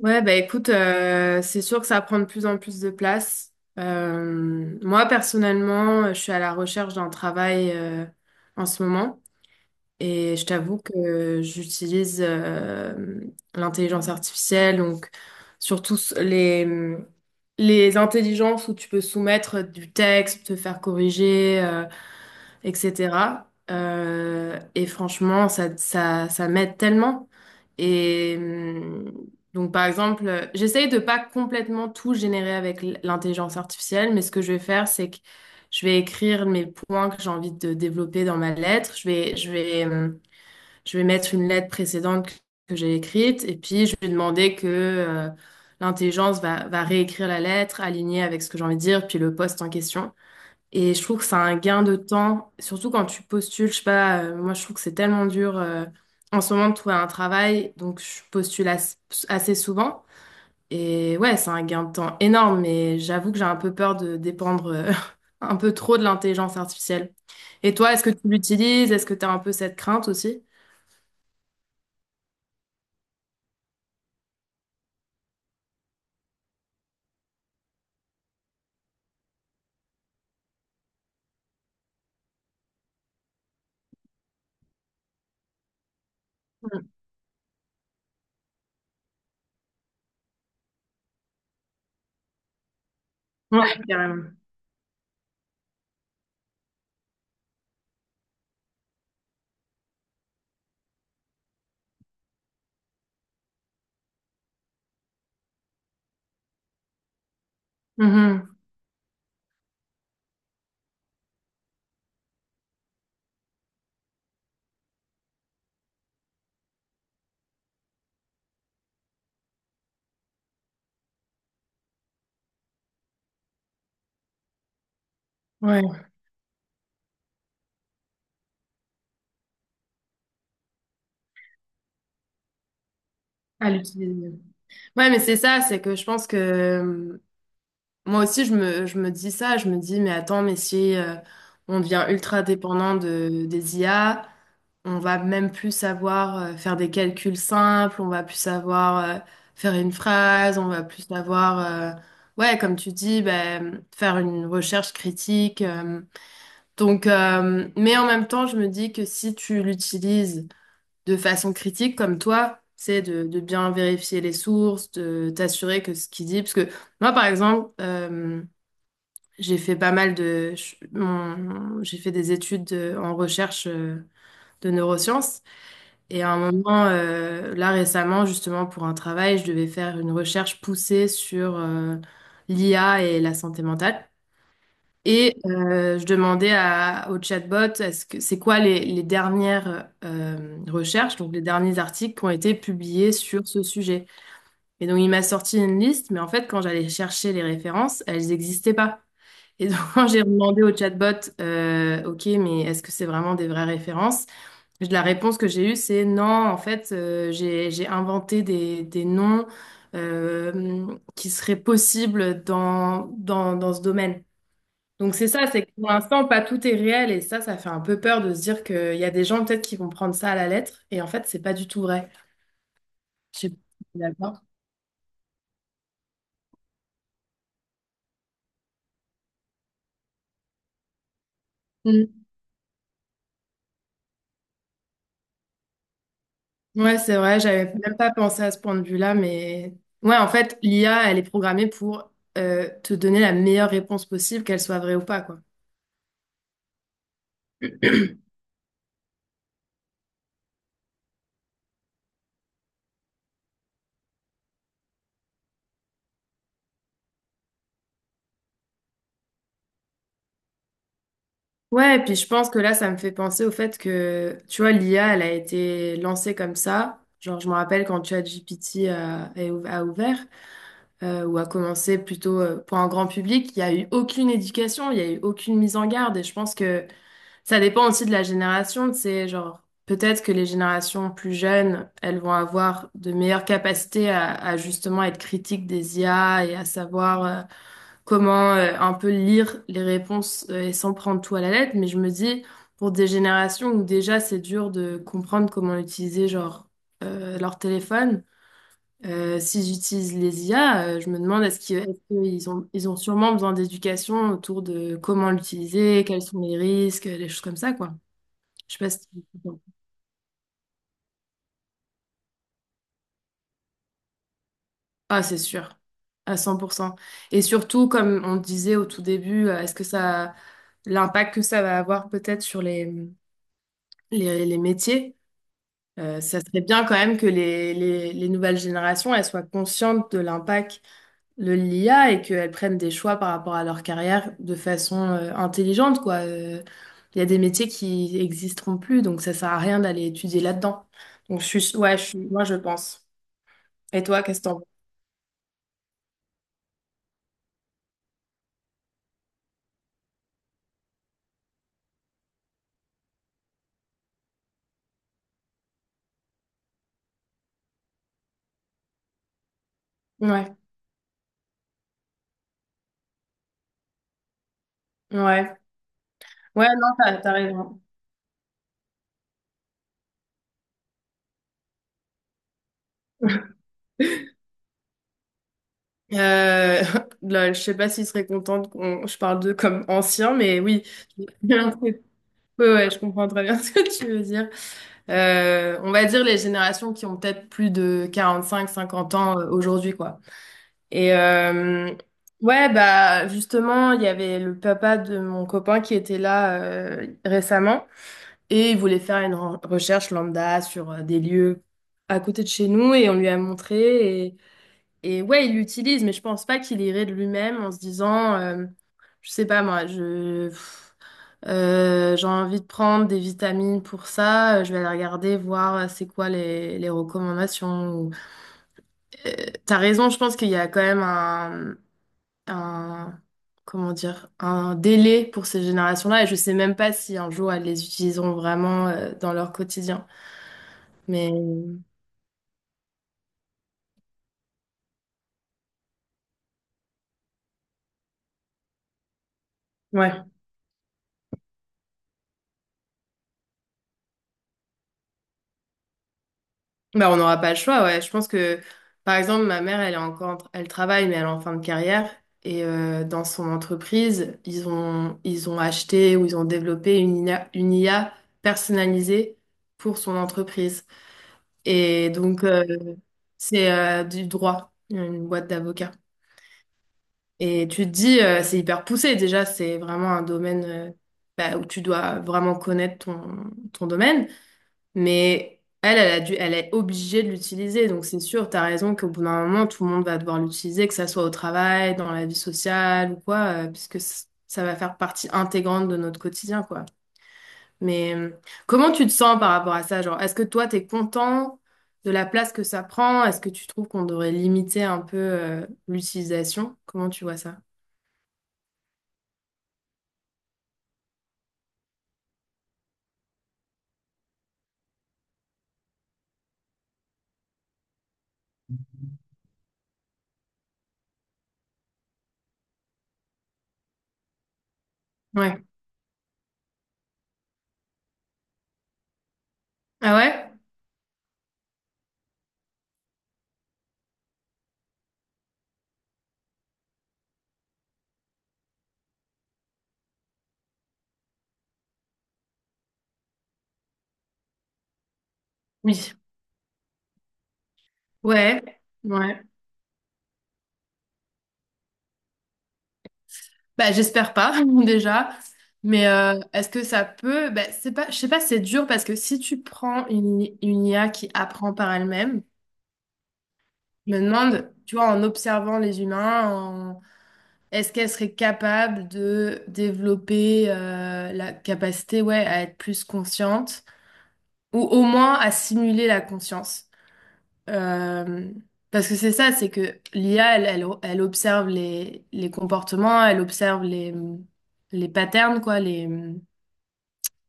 Ouais, bah écoute, c'est sûr que ça prend de plus en plus de place. Moi, personnellement, je suis à la recherche d'un travail en ce moment et je t'avoue que j'utilise l'intelligence artificielle, donc surtout les intelligences où tu peux soumettre du texte, te faire corriger, etc. Et franchement, ça m'aide tellement. Et donc, par exemple, j'essaye de pas complètement tout générer avec l'intelligence artificielle, mais ce que je vais faire, c'est que je vais écrire mes points que j'ai envie de développer dans ma lettre. Je vais mettre une lettre précédente que j'ai écrite, et puis je vais demander que l'intelligence va réécrire la lettre, alignée avec ce que j'ai envie de dire, puis le poste en question. Et je trouve que c'est un gain de temps, surtout quand tu postules. Je sais pas, moi je trouve que c'est tellement dur en ce moment de trouver un travail, donc je postule assez souvent. Et ouais, c'est un gain de temps énorme, mais j'avoue que j'ai un peu peur de dépendre un peu trop de l'intelligence artificielle. Et toi, est-ce que tu l'utilises? Est-ce que tu as un peu cette crainte aussi? Mm. Ouais, carrément. Mhm. Ouais, à l'utiliser. Ouais, mais c'est ça, c'est que je pense que moi aussi, je me dis ça, je me dis, mais attends, mais si on devient ultra dépendant des IA, on va même plus savoir faire des calculs simples, on va plus savoir faire une phrase, on va plus savoir, euh, ouais, comme tu dis, ben, faire une recherche critique. Donc, mais en même temps, je me dis que si tu l'utilises de façon critique, comme toi, c'est de bien vérifier les sources, de t'assurer que ce qu'il dit, parce que moi, par exemple, j'ai fait pas mal j'ai fait des études en recherche de neurosciences. Et à un moment, là récemment, justement, pour un travail, je devais faire une recherche poussée sur l'IA et la santé mentale. Et je demandais au chatbot, est-ce que c'est quoi les dernières recherches, donc les derniers articles qui ont été publiés sur ce sujet? Et donc, il m'a sorti une liste, mais en fait, quand j'allais chercher les références, elles n'existaient pas. Et donc, quand j'ai demandé au chatbot, OK, mais est-ce que c'est vraiment des vraies références? La réponse que j'ai eue, c'est non, en fait, j'ai inventé des noms qui seraient possibles dans ce domaine. Donc, c'est ça, c'est que pour l'instant, pas tout est réel. Et ça fait un peu peur de se dire qu'il y a des gens peut-être qui vont prendre ça à la lettre. Et en fait, c'est pas du tout vrai. Je sais pas si t'es d'accord. Ouais, c'est vrai, j'avais même pas pensé à ce point de vue-là, mais ouais, en fait, l'IA, elle est programmée pour te donner la meilleure réponse possible, qu'elle soit vraie ou pas, quoi. Ouais, et puis je pense que là, ça me fait penser au fait que, tu vois, l'IA, elle a été lancée comme ça. Genre, je me rappelle quand ChatGPT a ouvert, ou a commencé plutôt pour un grand public, il n'y a eu aucune éducation, il n'y a eu aucune mise en garde. Et je pense que ça dépend aussi de la génération, c'est genre peut-être que les générations plus jeunes, elles vont avoir de meilleures capacités à justement être critiques des IA et à savoir comment un peu lire les réponses et sans prendre tout à la lettre. Mais je me dis, pour des générations où déjà c'est dur de comprendre comment utiliser genre leur téléphone, s'ils utilisent les IA, je me demande ils ont sûrement besoin d'éducation autour de comment l'utiliser, quels sont les risques, des choses comme ça, quoi. Je sais pas si... Ah, c'est sûr, à 100%. Et surtout, comme on disait au tout début, est-ce que ça, l'impact que ça va avoir peut-être sur les métiers, ça serait bien quand même que les nouvelles générations, elles soient conscientes de l'impact de l'IA et qu'elles prennent des choix par rapport à leur carrière de façon intelligente, quoi. Il y a des métiers qui existeront plus, donc ça sert à rien d'aller étudier là-dedans. Donc, je suis, ouais, je suis, moi, je pense. Et toi, qu'est-ce que t'en penses? Ouais, ouais. Ouais, non, t'as raison. Euh, là, je sais pas s'il serait content qu'on je parle d'eux comme anciens, mais oui, ouais, ouais, je comprends très bien ce que tu veux dire. On va dire les générations qui ont peut-être plus de 45 50 ans aujourd'hui, quoi. Et ouais, bah justement, il y avait le papa de mon copain qui était là récemment et il voulait faire une recherche lambda sur des lieux à côté de chez nous et on lui a montré. Et ouais, il l'utilise, mais je pense pas qu'il irait de lui-même en se disant, je sais pas moi, j'ai envie de prendre des vitamines pour ça, je vais aller regarder, voir c'est quoi les recommandations. Euh, T'as raison, je pense qu'il y a quand même un, comment dire, un délai pour ces générations-là, et je sais même pas si un jour elles les utiliseront vraiment, dans leur quotidien. Mais ouais. Bah, on n'aura pas le choix, ouais. Je pense que, par exemple, ma mère, elle est encore, elle travaille, mais elle est en fin de carrière. Et dans son entreprise, ils ont acheté ou ils ont développé une IA, une IA personnalisée pour son entreprise. Et donc, c'est du droit, une boîte d'avocats. Et tu te dis, c'est hyper poussé. Déjà, c'est vraiment un domaine bah, où tu dois vraiment connaître ton domaine. Mais elle, elle a dû, elle est obligée de l'utiliser. Donc c'est sûr, t'as raison qu'au bout d'un moment, tout le monde va devoir l'utiliser, que ça soit au travail, dans la vie sociale ou quoi, puisque ça va faire partie intégrante de notre quotidien, quoi. Mais comment tu te sens par rapport à ça? Genre, est-ce que toi, t'es content de la place que ça prend? Est-ce que tu trouves qu'on devrait limiter un peu l'utilisation? Comment tu vois ça? Ouais. Ah ouais? Oui. Ouais. Ouais. Bah, j'espère pas déjà. Mais est-ce que ça peut? Bah, c'est pas, je sais pas, si c'est dur parce que si tu prends une IA qui apprend par elle-même, je me demande, tu vois, en observant les humains, est-ce qu'elle serait capable de développer la capacité, ouais, à être plus consciente ou au moins à simuler la conscience? Euh, Parce que c'est ça, c'est que l'IA, elle observe les comportements, elle observe les patterns, quoi,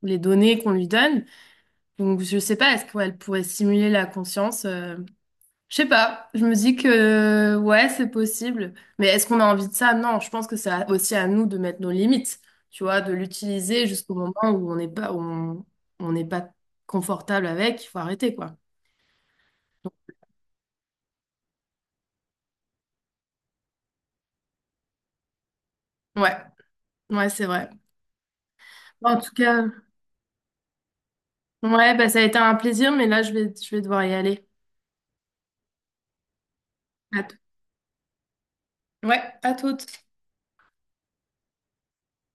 les données qu'on lui donne. Donc, je sais pas, est-ce qu'elle pourrait simuler la conscience? Je sais pas. Je me dis que, ouais, c'est possible. Mais est-ce qu'on a envie de ça? Non, je pense que c'est aussi à nous de mettre nos limites, tu vois, de l'utiliser jusqu'au moment où on n'est pas, où on n'est pas confortable avec. Il faut arrêter, quoi. Ouais, ouais, c'est vrai. En tout cas, ouais, bah, ça a été un plaisir, mais là, je vais devoir y aller. À t- Ouais, à toutes.